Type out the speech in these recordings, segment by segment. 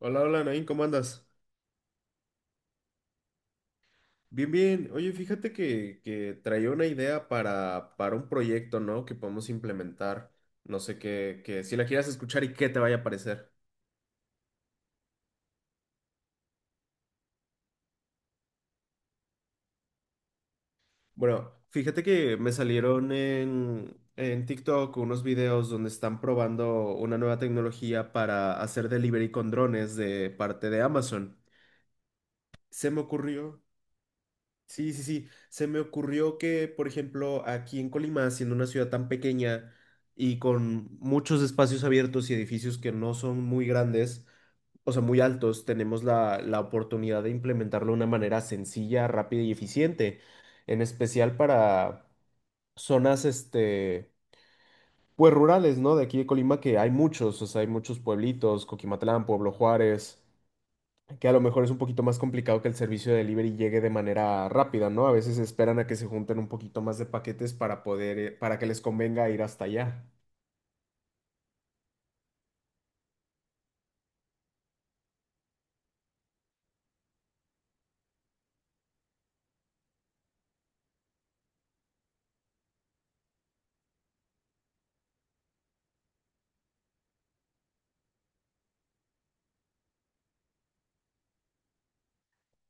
Hola, hola, Nain, ¿cómo andas? Bien, bien. Oye, fíjate que traía una idea para un proyecto, ¿no? Que podemos implementar. No sé que si la quieras escuchar y qué te vaya a parecer. Bueno, fíjate que me salieron en TikTok unos videos donde están probando una nueva tecnología para hacer delivery con drones de parte de Amazon. Se me ocurrió. Sí, sí, sí. Se me ocurrió que, por ejemplo, aquí en Colima, siendo una ciudad tan pequeña y con muchos espacios abiertos y edificios que no son muy grandes, o sea, muy altos, tenemos la oportunidad de implementarlo de una manera sencilla, rápida y eficiente, en especial para zonas, este, pues rurales, ¿no? De aquí de Colima, que hay muchos, o sea, hay muchos pueblitos, Coquimatlán, Pueblo Juárez que a lo mejor es un poquito más complicado que el servicio de delivery llegue de manera rápida, ¿no? A veces esperan a que se junten un poquito más de paquetes para poder, para que les convenga ir hasta allá.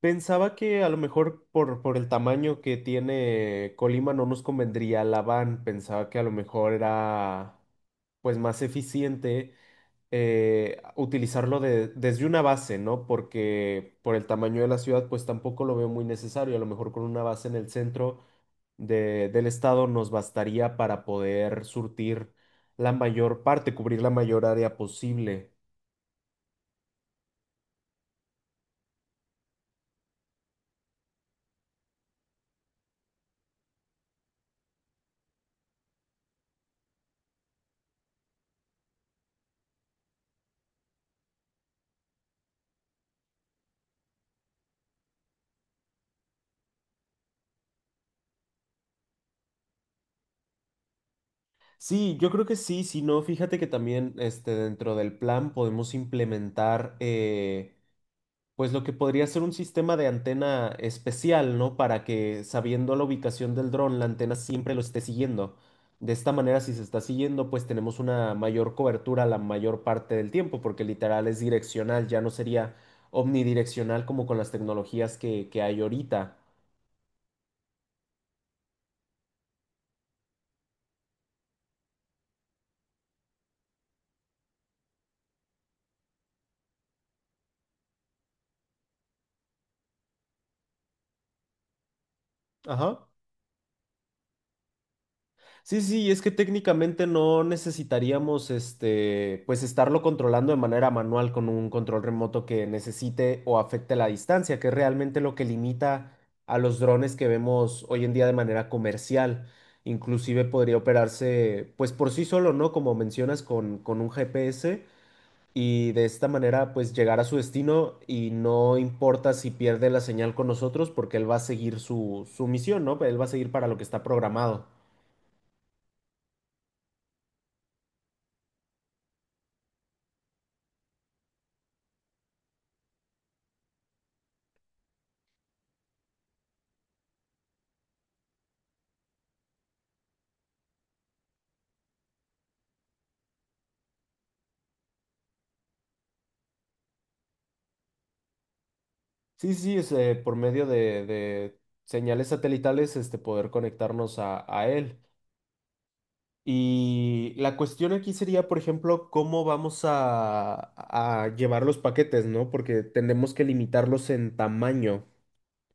Pensaba que a lo mejor por el tamaño que tiene Colima no nos convendría la van. Pensaba que a lo mejor era pues más eficiente desde una base, ¿no? Porque por el tamaño de la ciudad pues tampoco lo veo muy necesario. A lo mejor con una base en el centro del estado nos bastaría para poder surtir la mayor parte, cubrir la mayor área posible. Sí, yo creo que sí, si no, fíjate que también este, dentro del plan podemos implementar pues lo que podría ser un sistema de antena especial, ¿no? Para que sabiendo la ubicación del dron, la antena siempre lo esté siguiendo. De esta manera, si se está siguiendo, pues tenemos una mayor cobertura la mayor parte del tiempo, porque literal es direccional, ya no sería omnidireccional como con las tecnologías que hay ahorita. Ajá. Sí, sí, es que técnicamente no necesitaríamos este, pues estarlo controlando de manera manual con un control remoto que necesite o afecte la distancia, que es realmente lo que limita a los drones que vemos hoy en día de manera comercial. Inclusive podría operarse pues por sí solo, ¿no? Como mencionas, con un GPS y de esta manera pues llegar a su destino y no importa si pierde la señal con nosotros porque él va a seguir su misión, ¿no? Él va a seguir para lo que está programado. Sí, sí, es, por medio de señales satelitales, este, poder conectarnos a él. Y la cuestión aquí sería, por ejemplo, cómo vamos a llevar los paquetes, ¿no? Porque tenemos que limitarlos en tamaño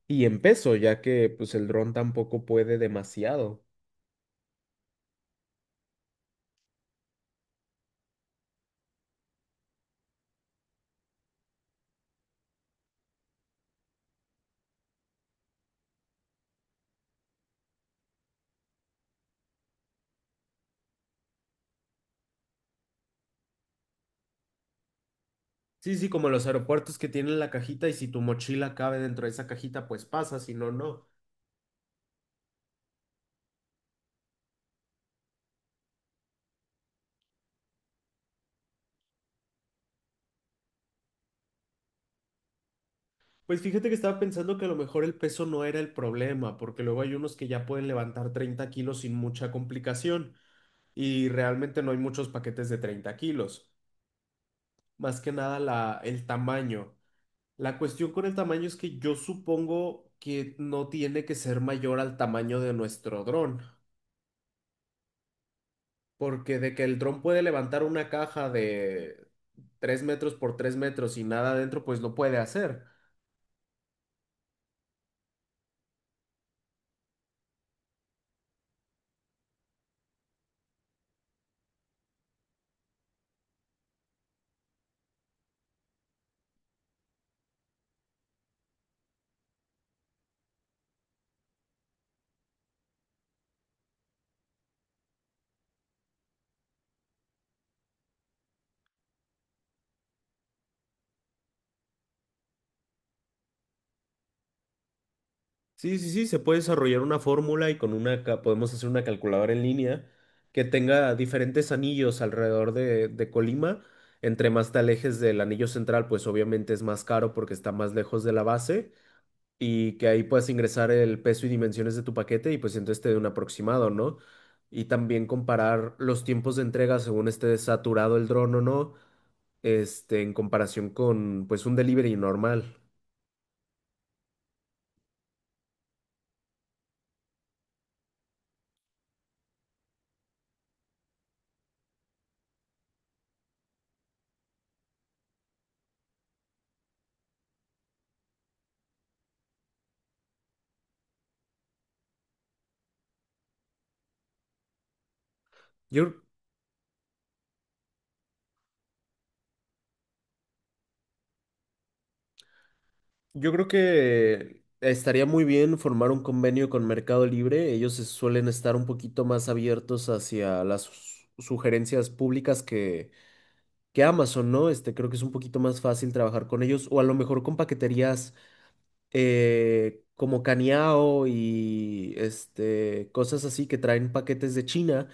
y en peso, ya que pues el dron tampoco puede demasiado. Sí, sí, como los aeropuertos que tienen la cajita y si tu mochila cabe dentro de esa cajita, pues pasa, si no, no. Pues fíjate que estaba pensando que a lo mejor el peso no era el problema, porque luego hay unos que ya pueden levantar 30 kilos sin mucha complicación y realmente no hay muchos paquetes de 30 kilos, más que nada la, el tamaño. La cuestión con el tamaño es que yo supongo que no tiene que ser mayor al tamaño de nuestro dron, porque de que el dron puede levantar una caja de 3 metros por 3 metros y nada adentro, pues lo puede hacer. Sí, sí, sí, se puede desarrollar una fórmula y con podemos hacer una calculadora en línea que tenga diferentes anillos alrededor de Colima. Entre más te alejes del anillo central, pues obviamente es más caro porque está más lejos de la base y que ahí puedas ingresar el peso y dimensiones de tu paquete y pues entonces te dé un aproximado, ¿no? Y también comparar los tiempos de entrega según esté saturado el dron o no, este, en comparación con pues un delivery normal. Yo Yo creo que estaría muy bien formar un convenio con Mercado Libre. Ellos se suelen estar un poquito más abiertos hacia las sugerencias públicas que Amazon, ¿no? Este, creo que es un poquito más fácil trabajar con ellos o a lo mejor con paqueterías como Caniao y este, cosas así que traen paquetes de China,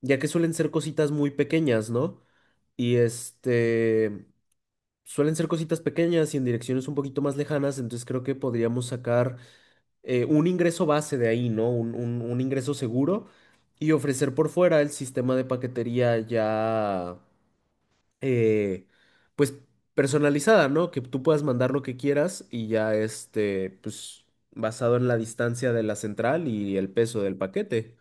ya que suelen ser cositas muy pequeñas, ¿no? Y este... Suelen ser cositas pequeñas y en direcciones un poquito más lejanas, entonces creo que podríamos sacar un ingreso base de ahí, ¿no? Un ingreso seguro y ofrecer por fuera el sistema de paquetería ya, eh, pues, personalizada, ¿no? Que tú puedas mandar lo que quieras y ya, este, pues, basado en la distancia de la central y el peso del paquete.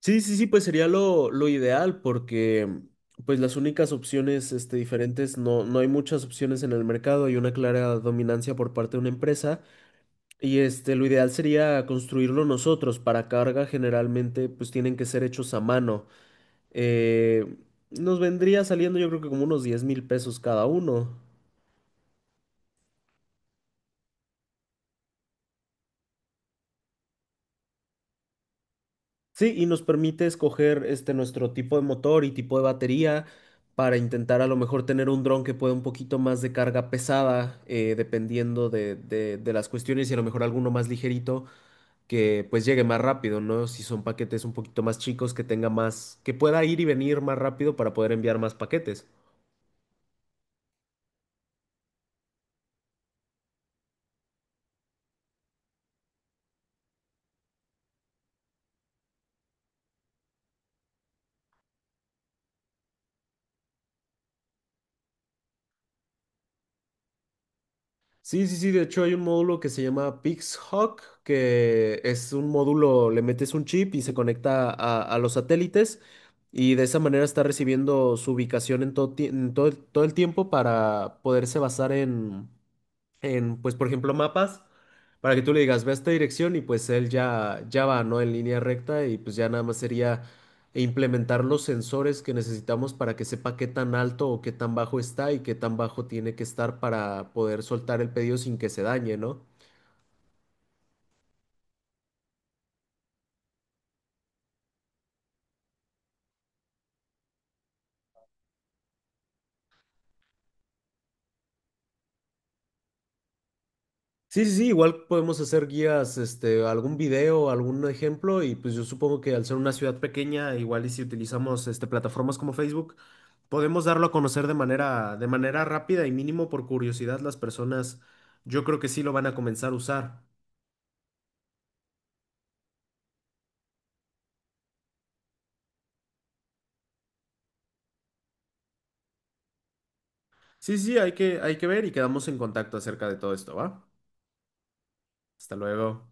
Sí, sí, sí, pues sería lo ideal porque pues las únicas opciones este, diferentes, no, no hay muchas opciones en el mercado, hay una clara dominancia por parte de una empresa y este, lo ideal sería construirlo nosotros. Para carga generalmente pues tienen que ser hechos a mano. Eh, nos vendría saliendo yo creo que como unos 10 mil pesos cada uno. Sí, y nos permite escoger este nuestro tipo de motor y tipo de batería para intentar a lo mejor tener un dron que pueda un poquito más de carga pesada, dependiendo de las cuestiones, y a lo mejor alguno más ligerito que pues llegue más rápido, ¿no? Si son paquetes un poquito más chicos, que tenga más, que pueda ir y venir más rápido para poder enviar más paquetes. Sí, sí, sí, de hecho hay un módulo que se llama PixHawk, que es un módulo, le metes un chip y se conecta a los satélites y de esa manera está recibiendo su ubicación en todo, ti- en todo el tiempo para poderse basar en, pues, por ejemplo, mapas, para que tú le digas, ve a esta dirección y pues él ya, ya va, ¿no? En línea recta y pues ya nada más sería implementar los sensores que necesitamos para que sepa qué tan alto o qué tan bajo está y qué tan bajo tiene que estar para poder soltar el pedido sin que se dañe, ¿no? Sí, sí, sí, igual podemos hacer guías, este, algún video, algún ejemplo, y pues yo supongo que al ser una ciudad pequeña, igual y si utilizamos este, plataformas como Facebook, podemos darlo a conocer de manera rápida y mínimo por curiosidad las personas, yo creo que sí lo van a comenzar a usar. Sí, sí, hay hay que ver y quedamos en contacto acerca de todo esto, ¿va? Hasta luego.